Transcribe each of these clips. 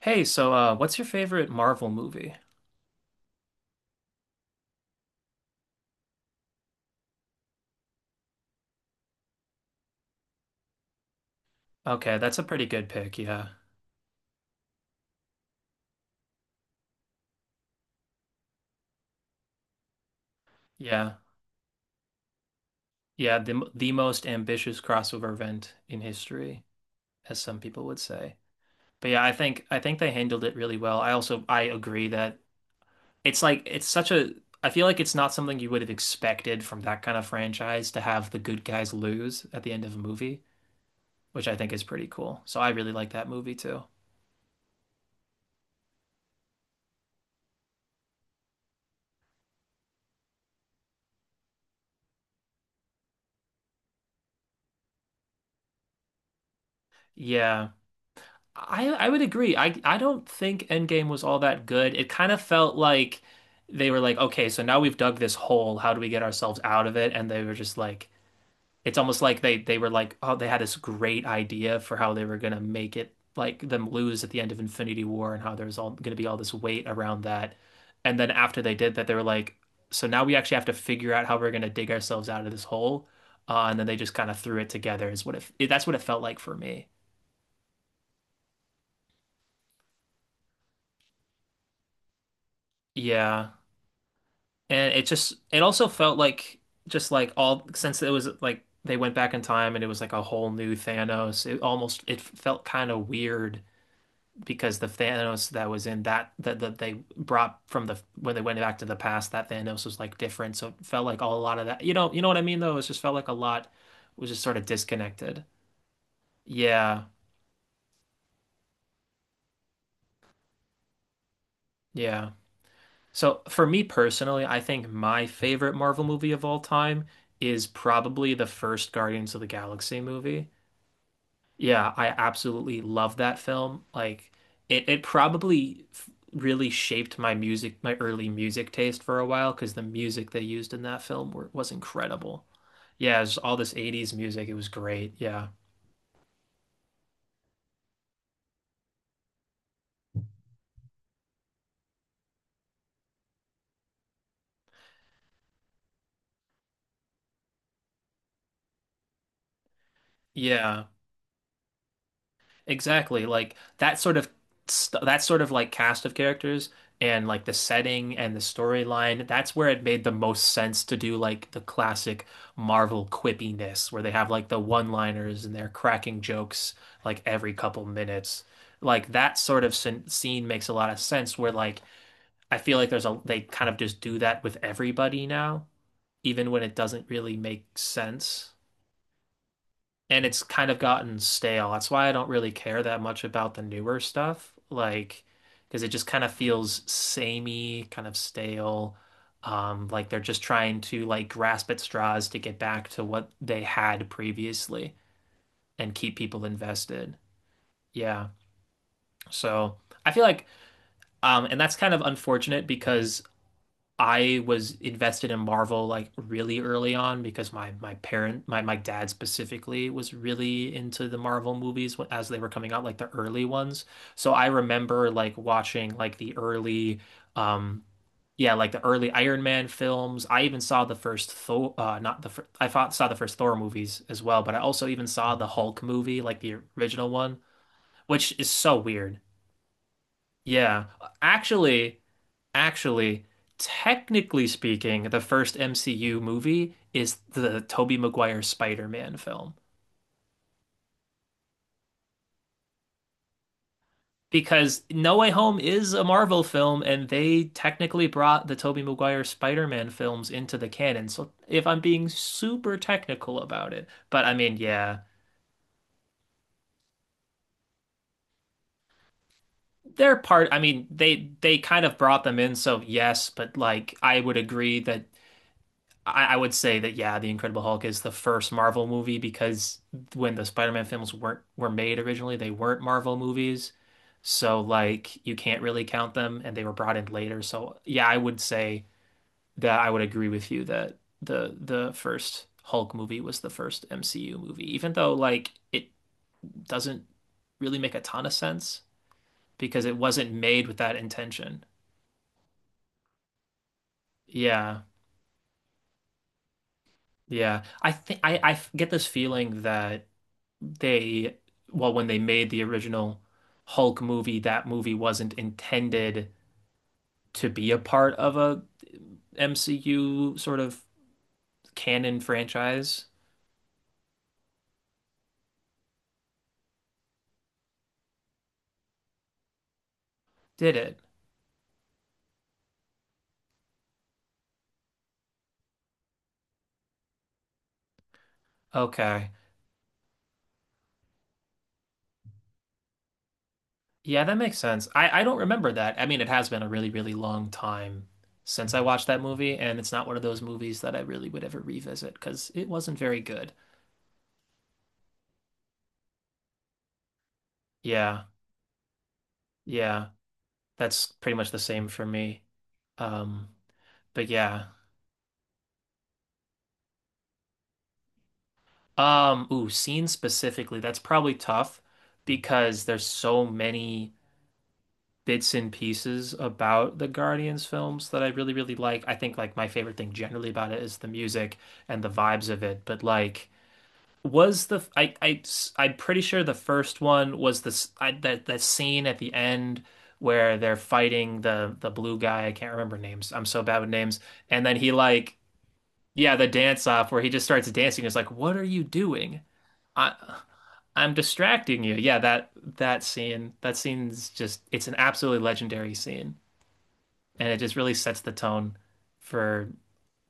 Hey, what's your favorite Marvel movie? Okay, that's a pretty good pick. Yeah, yeah, yeah. The most ambitious crossover event in history, as some people would say. But yeah, I think they handled it really well. I agree that it's like it's such a I feel like it's not something you would have expected from that kind of franchise to have the good guys lose at the end of a movie, which I think is pretty cool. So I really like that movie too. Yeah. I would agree. I don't think Endgame was all that good. It kind of felt like they were like, okay, so now we've dug this hole. How do we get ourselves out of it? And they were just like, it's almost like they were like, oh, they had this great idea for how they were gonna make it like them lose at the end of Infinity War and how there's all gonna be all this weight around that. And then after they did that, they were like, so now we actually have to figure out how we're gonna dig ourselves out of this hole. And then they just kind of threw it together is that's what it felt like for me. Yeah. And it also felt like just like all since it was like they went back in time and it was like a whole new Thanos, it almost it felt kind of weird because the Thanos that was in that they brought from the when they went back to the past, that Thanos was like different. So it felt like all a lot of that, you know what I mean, though. It just felt like a lot was just sort of disconnected. Yeah, yeah. So for me personally, I think my favorite Marvel movie of all time is probably the first Guardians of the Galaxy movie. Yeah, I absolutely love that film. Like it probably really shaped my music, my early music taste for a while because the music they used in that film was incredible. Yeah, it was all this '80s music. It was great. Yeah. Yeah. Exactly. Like that sort of st that sort of like cast of characters and like the setting and the storyline, that's where it made the most sense to do like the classic Marvel quippiness where they have like the one-liners and they're cracking jokes like every couple minutes. Like that sort of scene makes a lot of sense where like I feel like there's a they kind of just do that with everybody now, even when it doesn't really make sense, and it's kind of gotten stale. That's why I don't really care that much about the newer stuff, like because it just kind of feels samey, kind of stale. Like they're just trying to like grasp at straws to get back to what they had previously and keep people invested. Yeah. So I feel like, and that's kind of unfortunate because I was invested in Marvel like really early on because my parent my my dad specifically was really into the Marvel movies as they were coming out, like the early ones. So I remember like watching like the early um yeah, like the early Iron Man films. I even saw the first Thor, not the fir I thought, saw the first Thor movies as well, but I also even saw the Hulk movie, like the original one, which is so weird. Yeah. Actually, Actually, technically speaking, the first MCU movie is the Tobey Maguire Spider-Man film. Because No Way Home is a Marvel film, and they technically brought the Tobey Maguire Spider-Man films into the canon. So if I'm being super technical about it, but I mean, yeah, they're part. I mean, they kind of brought them in. So yes, but like I would agree that I would say that yeah, The Incredible Hulk is the first Marvel movie because when the Spider-Man films weren't were made originally, they weren't Marvel movies. So like you can't really count them, and they were brought in later. So yeah, I would say that I would agree with you that the first Hulk movie was the first MCU movie, even though like it doesn't really make a ton of sense because it wasn't made with that intention. Yeah. Yeah. I think I get this feeling that they well when they made the original Hulk movie, that movie wasn't intended to be a part of a MCU sort of canon franchise, did it? Okay. Yeah, that makes sense. I don't remember that. I mean, it has been a really, really long time since I watched that movie, and it's not one of those movies that I really would ever revisit because it wasn't very good. Yeah, yeah, that's pretty much the same for me. Um, but yeah. Ooh, scene specifically, that's probably tough because there's so many bits and pieces about the Guardians films that I really, really like. I think like my favorite thing generally about it is the music and the vibes of it. But like, was the I I'm pretty sure the first one was that that scene at the end where they're fighting the blue guy. I can't remember names. I'm so bad with names. And then he like yeah, the dance off where he just starts dancing. It's like, what are you doing? I I'm distracting you. Yeah, that scene's just it's an absolutely legendary scene, and it just really sets the tone for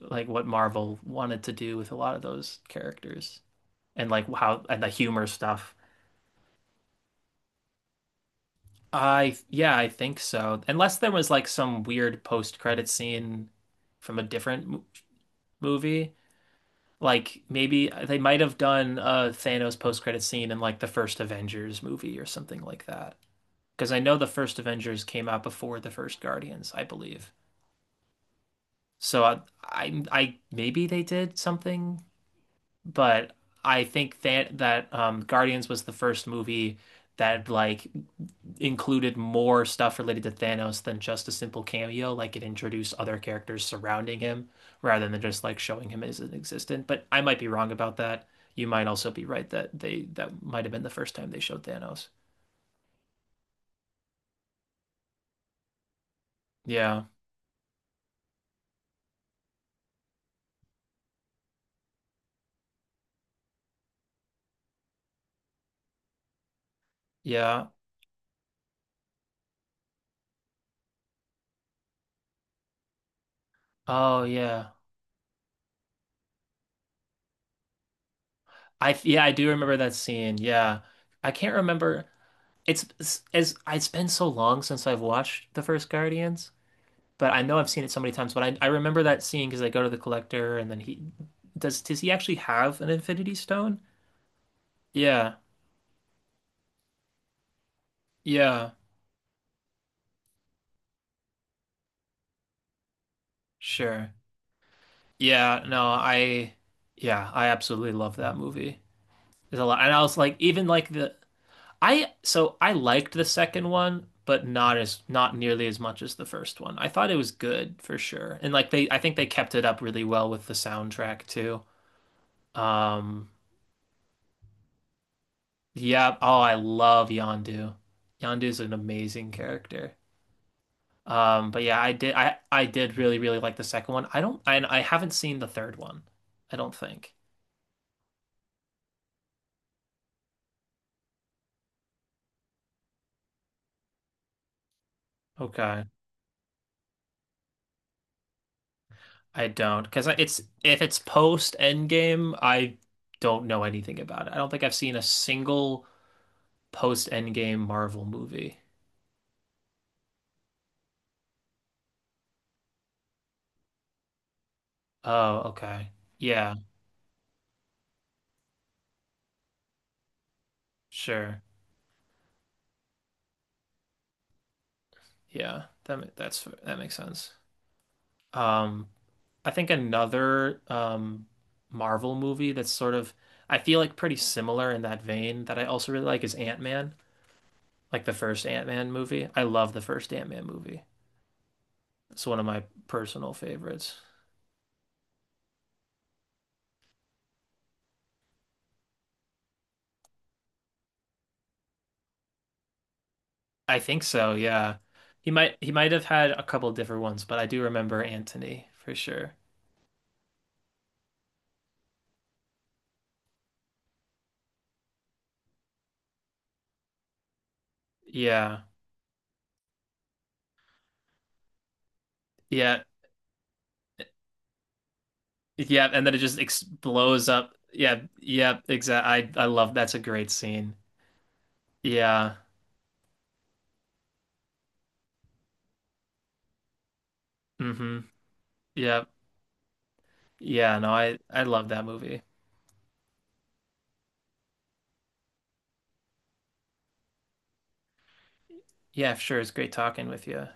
like what Marvel wanted to do with a lot of those characters and like how and the humor stuff. I Yeah, I think so. Unless there was like some weird post-credit scene from a different mo movie, like maybe they might have done a Thanos post-credit scene in like the first Avengers movie or something like that, because I know the first Avengers came out before the first Guardians, I believe. So I maybe they did something, but I think that Guardians was the first movie that like included more stuff related to Thanos than just a simple cameo. Like it introduced other characters surrounding him rather than just like showing him as an existent. But I might be wrong about that. You might also be right that they that might have been the first time they showed Thanos. Yeah, yeah. Oh yeah. I Yeah, I do remember that scene. Yeah. I can't remember. It's been so long since I've watched the first Guardians, but I know I've seen it so many times, but I remember that scene because they go to the collector, and then he does he actually have an Infinity Stone? Yeah. Yeah. Sure. Yeah, no, I yeah, I absolutely love that movie. There's a lot. And I was like even like the I so I liked the second one, but not as not nearly as much as the first one. I thought it was good for sure. And like they I think they kept it up really well with the soundtrack too. Um yeah, oh I love Yondu. Yondu's an amazing character. But yeah, I did really really like the second one. I don't I haven't seen the third one. I don't think. Okay. I don't because it's if it's post Endgame, I don't know anything about it. I don't think I've seen a single post Endgame Marvel movie. Oh, okay. Yeah, sure. Yeah, that ma- that's that makes sense. Um, I think another Marvel movie that's sort of I feel like pretty similar in that vein that I also really like is Ant-Man, like the first Ant-Man movie. I love the first Ant-Man movie. It's one of my personal favorites. I think so, yeah. He might have had a couple different ones, but I do remember Anthony for sure. Yeah. Yeah, Yeah, and then it just ex blows up. Yeah, yeah, exactly. I love that's a great scene. Yeah. Mm-hmm. Yeah. Yeah, no, I love that movie. Yeah, sure. It's great talking with you.